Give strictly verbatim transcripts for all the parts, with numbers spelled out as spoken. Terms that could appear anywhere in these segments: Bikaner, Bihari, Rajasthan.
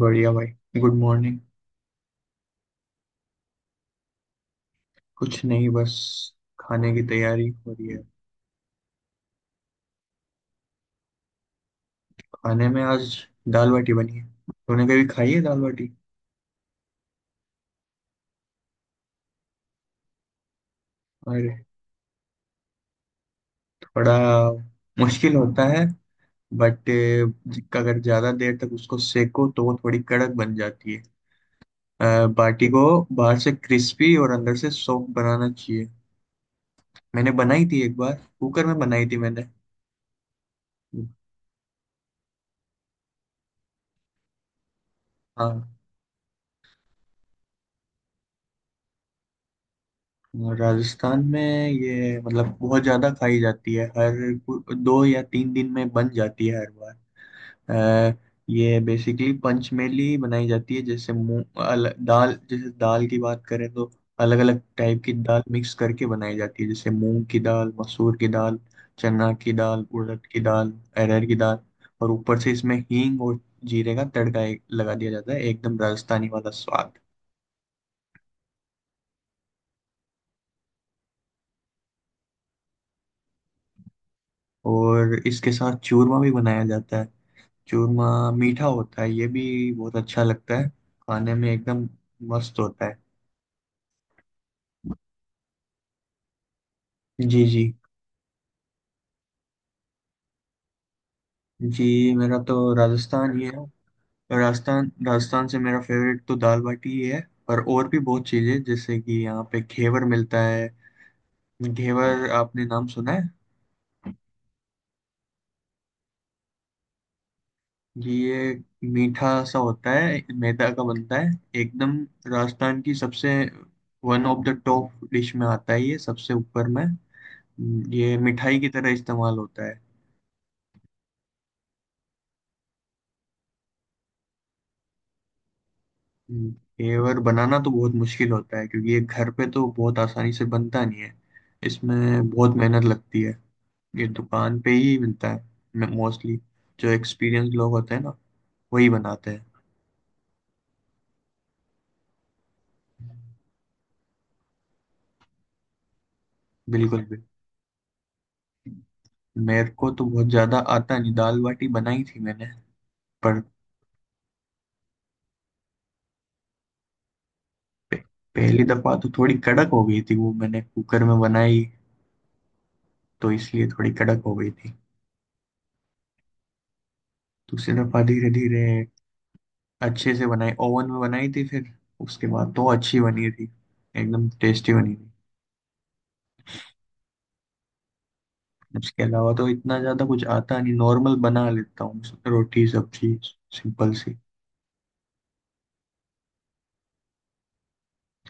बढ़िया भाई। Good morning. कुछ नहीं, बस खाने की तैयारी हो रही है। खाने में आज दाल बाटी बनी है। तूने कभी खाई है दाल बाटी? अरे थोड़ा मुश्किल होता है बट अगर ज्यादा देर तक उसको सेको तो वो थोड़ी कड़क बन जाती है, अ, बाटी को। बाहर से क्रिस्पी और अंदर से सॉफ्ट बनाना चाहिए। मैंने बनाई थी एक बार, कुकर में बनाई थी मैंने। हाँ। और राजस्थान में ये मतलब बहुत ज़्यादा खाई जाती है, हर कु- दो या तीन दिन में बन जाती है हर बार। अ, ये बेसिकली पंचमेली बनाई जाती है, जैसे मूंग अल, दाल, जैसे दाल की बात करें तो अलग अलग टाइप की दाल मिक्स करके बनाई जाती है, जैसे मूंग की दाल, मसूर की दाल, चना की दाल, उड़द की दाल, अरहर की दाल। और ऊपर से इसमें हींग और जीरे का तड़का एक- लगा दिया जाता है, एकदम राजस्थानी वाला स्वाद। और इसके साथ चूरमा भी बनाया जाता है। चूरमा मीठा होता है ये भी, बहुत अच्छा लगता है खाने में, एकदम मस्त होता है। जी जी। जी मेरा तो राजस्थान ही है। राजस्थान राजस्थान से मेरा फेवरेट तो दाल बाटी ही है, पर और भी बहुत चीज़ें, जैसे कि यहाँ पे घेवर मिलता है। घेवर, आपने नाम सुना है? जी ये मीठा सा होता है, मैदा का बनता है एकदम। राजस्थान की सबसे one of the top dish में आता है ये, सबसे ऊपर में। हम्म, ये मिठाई की तरह इस्तेमाल होता है। हम्म। घेवर बनाना तो बहुत मुश्किल होता है क्योंकि ये घर पे तो बहुत आसानी से बनता नहीं है, इसमें बहुत मेहनत लगती है। ये दुकान पे ही मिलता है मोस्टली। जो एक्सपीरियंस लोग होते हैं ना, वही बनाते हैं। बिल्कुल भी। मेरे को तो बहुत ज्यादा आता नहीं, दाल बाटी बनाई थी मैंने, पर पे, पहली दफा तो थोड़ी कड़क हो गई थी। वो मैंने कुकर में बनाई, तो इसलिए थोड़ी कड़क हो गई थी। दूसरी दफा धीरे धीरे अच्छे से बनाई, ओवन में बनाई थी फिर, उसके बाद तो अच्छी बनी थी, एकदम टेस्टी बनी थी। उसके अलावा तो इतना ज़्यादा कुछ आता नहीं, नॉर्मल बना लेता हूँ रोटी सब्जी, सिंपल सी।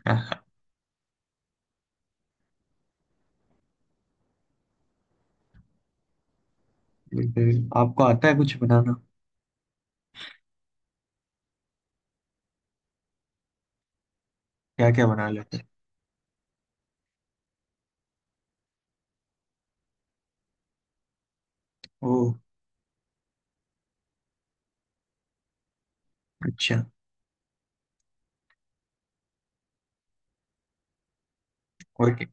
लेकिन आपको आता है कुछ बनाना? क्या क्या बना लेते हैं? ओह अच्छा। और क्या?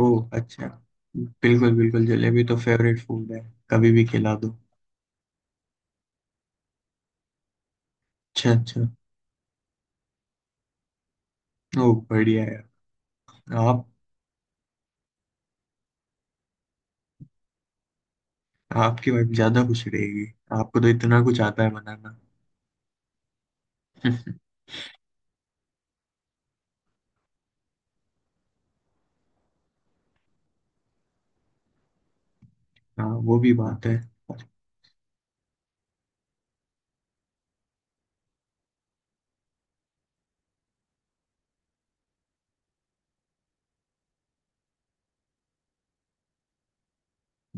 ओह अच्छा, बिल्कुल बिल्कुल, जलेबी तो फेवरेट फूड है, कभी भी खिला दो। अच्छा अच्छा। ओह बढ़िया है। आप, आपकी वाइफ ज़्यादा खुश रहेगी, आपको तो इतना कुछ आता है बनाना। हाँ वो भी बात है।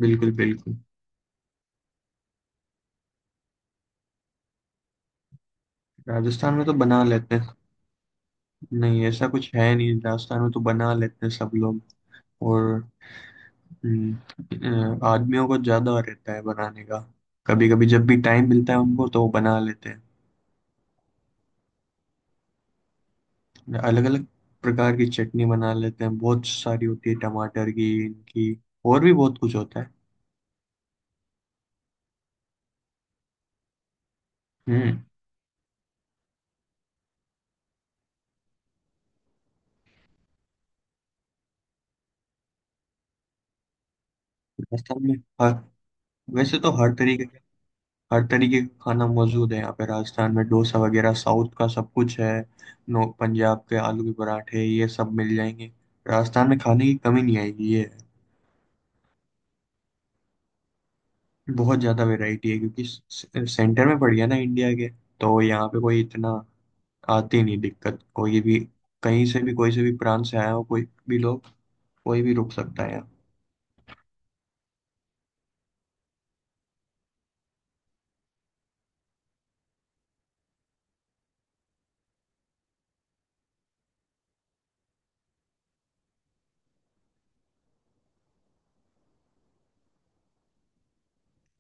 बिल्कुल बिल्कुल। राजस्थान में तो बना लेते हैं। नहीं ऐसा कुछ है नहीं, राजस्थान में तो बना लेते हैं सब लोग। और हम्म, अ, आदमियों को ज्यादा रहता है बनाने का। कभी कभी जब भी टाइम मिलता है उनको तो वो बना लेते हैं। अलग अलग प्रकार की चटनी बना लेते हैं, बहुत सारी होती है, टमाटर की, इनकी, और भी बहुत कुछ होता है। हम्म। राजस्थान में हर वैसे तो हर तरीके हर तरीके का खाना मौजूद है यहाँ पे। राजस्थान में डोसा वगैरह साउथ का सब कुछ है। नो, पंजाब के आलू के पराठे, ये सब मिल जाएंगे। राजस्थान में खाने की कमी नहीं आएगी ये है। बहुत ज़्यादा वैरायटी है क्योंकि से- सेंटर में पड़ गया ना इंडिया के, तो यहाँ पे कोई इतना आती नहीं दिक्कत कोई भी। कहीं से भी, कोई से भी प्रांत से आया हो, कोई भी लोग, कोई भी रुक सकता है यहाँ।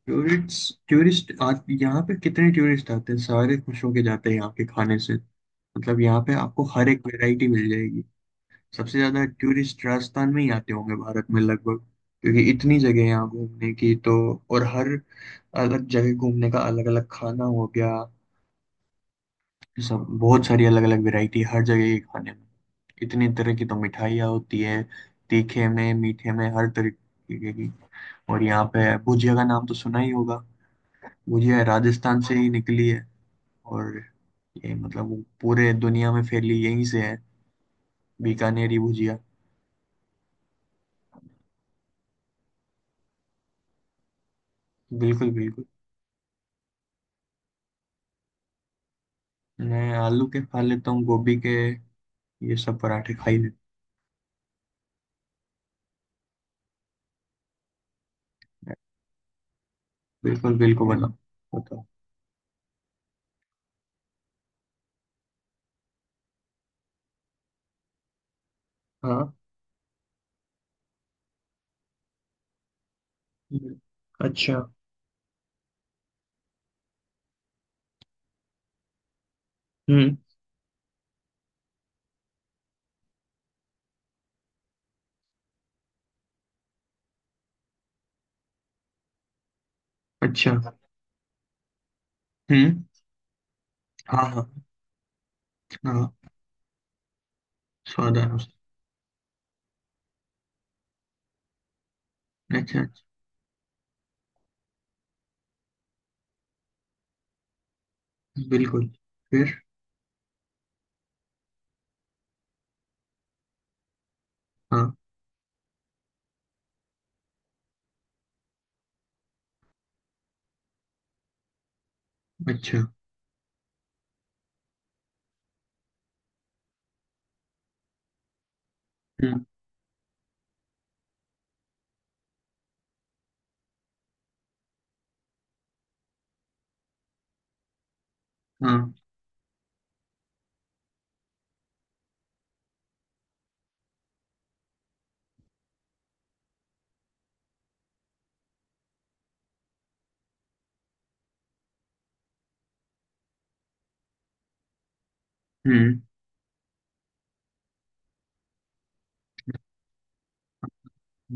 टूरिस्ट टूरिस्ट आज यहाँ पे कितने टूरिस्ट आते हैं, सारे खुश होके जाते हैं यहाँ के खाने से। मतलब यहाँ पे आपको हर एक वैरायटी मिल जाएगी। सबसे ज्यादा टूरिस्ट राजस्थान में ही आते होंगे भारत में लगभग, क्योंकि इतनी जगह है यहाँ घूमने की। तो और हर अलग जगह घूमने का अलग अलग खाना हो गया। सब बहुत सारी अलग अलग वैरायटी हर जगह के खाने में। इतनी तरह की तो मिठाइयाँ होती है, तीखे में मीठे में हर तरीके की। और यहाँ पे भुजिया का नाम तो सुना ही होगा। भुजिया राजस्थान से ही निकली है। और ये मतलब वो पूरे दुनिया में फैली यहीं से है, बीकानेरी भुजिया। बिल्कुल बिल्कुल। मैं आलू के खा लेता हूँ, गोभी के, ये सब पराठे खा ही लेता हूँ। बिल्कुल बिल्कुल, बताओ बताओ। हाँ। हम्म, अच्छा। हम्म, अच्छा। हम्म। हाँ हाँ। हाँ, स्वाद अनुसार। अच्छा, अच्छा बिल्कुल, फिर? हाँ। अच्छा। हम्म। हाँ। हम्म।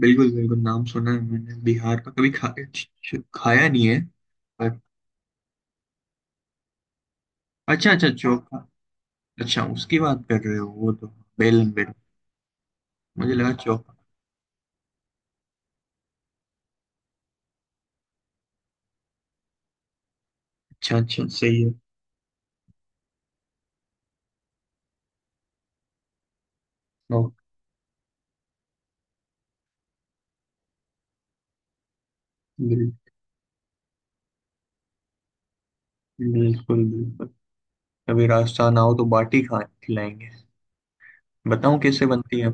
बिल्कुल बिल्कुल, नाम सुना है मैंने बिहार का, कभी खा, च- च- खाया नहीं है, पर। अच्छा अच्छा, चोखा। अच्छा, उसकी बात कर रहे हो, वो तो बेलन, बेलन मुझे लगा चोखा। अच्छा अच्छा, सही है। ओके। बिल्कुल। बिल्कुल बिल्कुल, कभी राजस्थान आओ तो बाटी खा खिलाएंगे। बताऊं कैसे बनती है?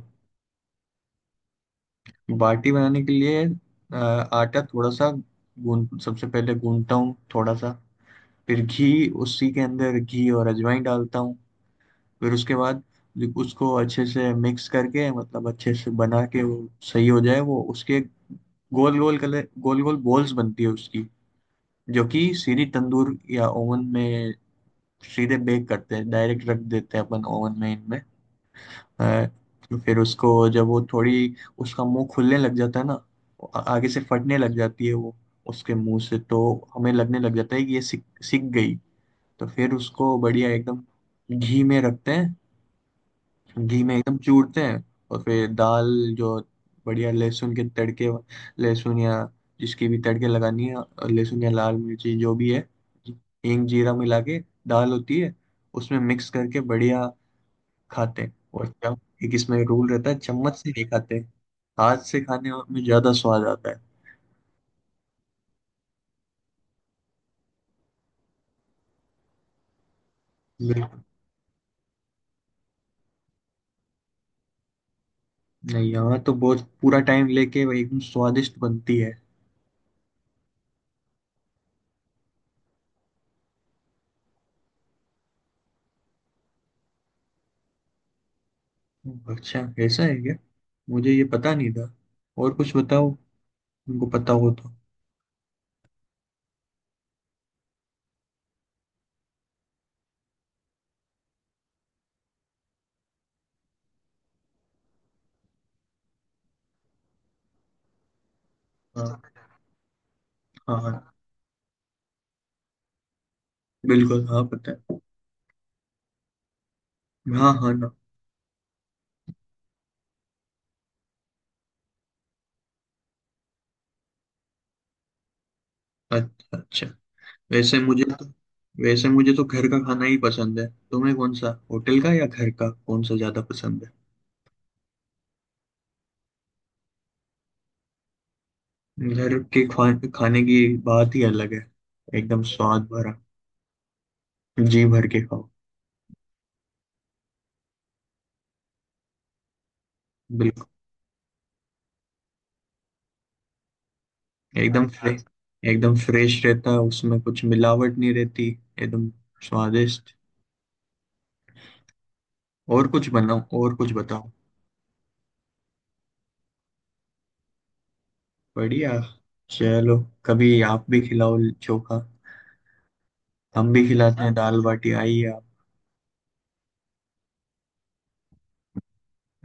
बाटी बनाने के लिए अ, आटा थोड़ा सा गूंद सबसे पहले गूंदता हूँ थोड़ा सा, फिर घी, उसी के अंदर घी और अजवाइन डालता हूँ। फिर उसके बाद जो- उसको अच्छे से मिक्स करके, मतलब अच्छे से बना के, वो सही हो जाए वो, उसके गोल गोल कलर गोल गोल बॉल्स बनती है उसकी, जो कि सीधी तंदूर या ओवन में सीधे बेक करते हैं, डायरेक्ट रख देते हैं अपन ओवन में इनमें। हाँ, तो फिर उसको जब वो थोड़ी उसका मुंह खुलने लग जाता है ना, आ- आगे से फटने लग जाती है वो उसके मुंह से, तो हमें लगने लग जाता है कि ये सिक सिक गई। तो फिर उसको बढ़िया एकदम घी में रखते हैं, घी में एकदम चूरते हैं। और फिर दाल जो बढ़िया लहसुन के तड़के, लहसुन या जिसकी भी तड़के लगानी है, और लहसुन या लाल मिर्ची जो भी है, हींग जीरा मिला के दाल होती है, उसमें मिक्स करके बढ़िया खाते हैं। और चम एक इसमें रूल रहता है, चम्मच से नहीं खाते, हाथ से खाने में ज्यादा स्वाद आता है। बिल्कुल। नहीं यहाँ तो बहुत पूरा टाइम लेके वो एकदम स्वादिष्ट बनती है। अच्छा, ऐसा है क्या? मुझे ये पता नहीं था। और कुछ बताओ तुमको पता हो तो। हाँ हाँ। हाँ, बिल्कुल, हाँ पता है। हाँ हाँ ना। अच्छा अच्छा। वैसे मुझे तो वैसे मुझे तो घर का खाना ही पसंद है। तुम्हें कौन सा, होटल का या घर का, कौन सा ज्यादा पसंद है? घर के खा, खाने की बात ही अलग है, एकदम स्वाद भरा, जी भर के खाओ। बिल्कुल। एकदम फ्रेश एकदम फ्रेश रहता है, उसमें कुछ मिलावट नहीं रहती, एकदम स्वादिष्ट। और कुछ बनाओ और कुछ बताओ। बढ़िया, चलो, कभी आप भी खिलाओ चोखा, हम भी खिलाते हैं दाल बाटी, आइए आप।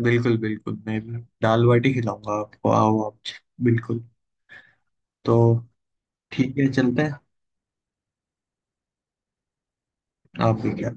बिल्कुल बिल्कुल, मैं भी दाल बाटी खिलाऊंगा आपको, आओ आप, बिल्कुल। तो ठीक है चलते हैं। आप भी क्या।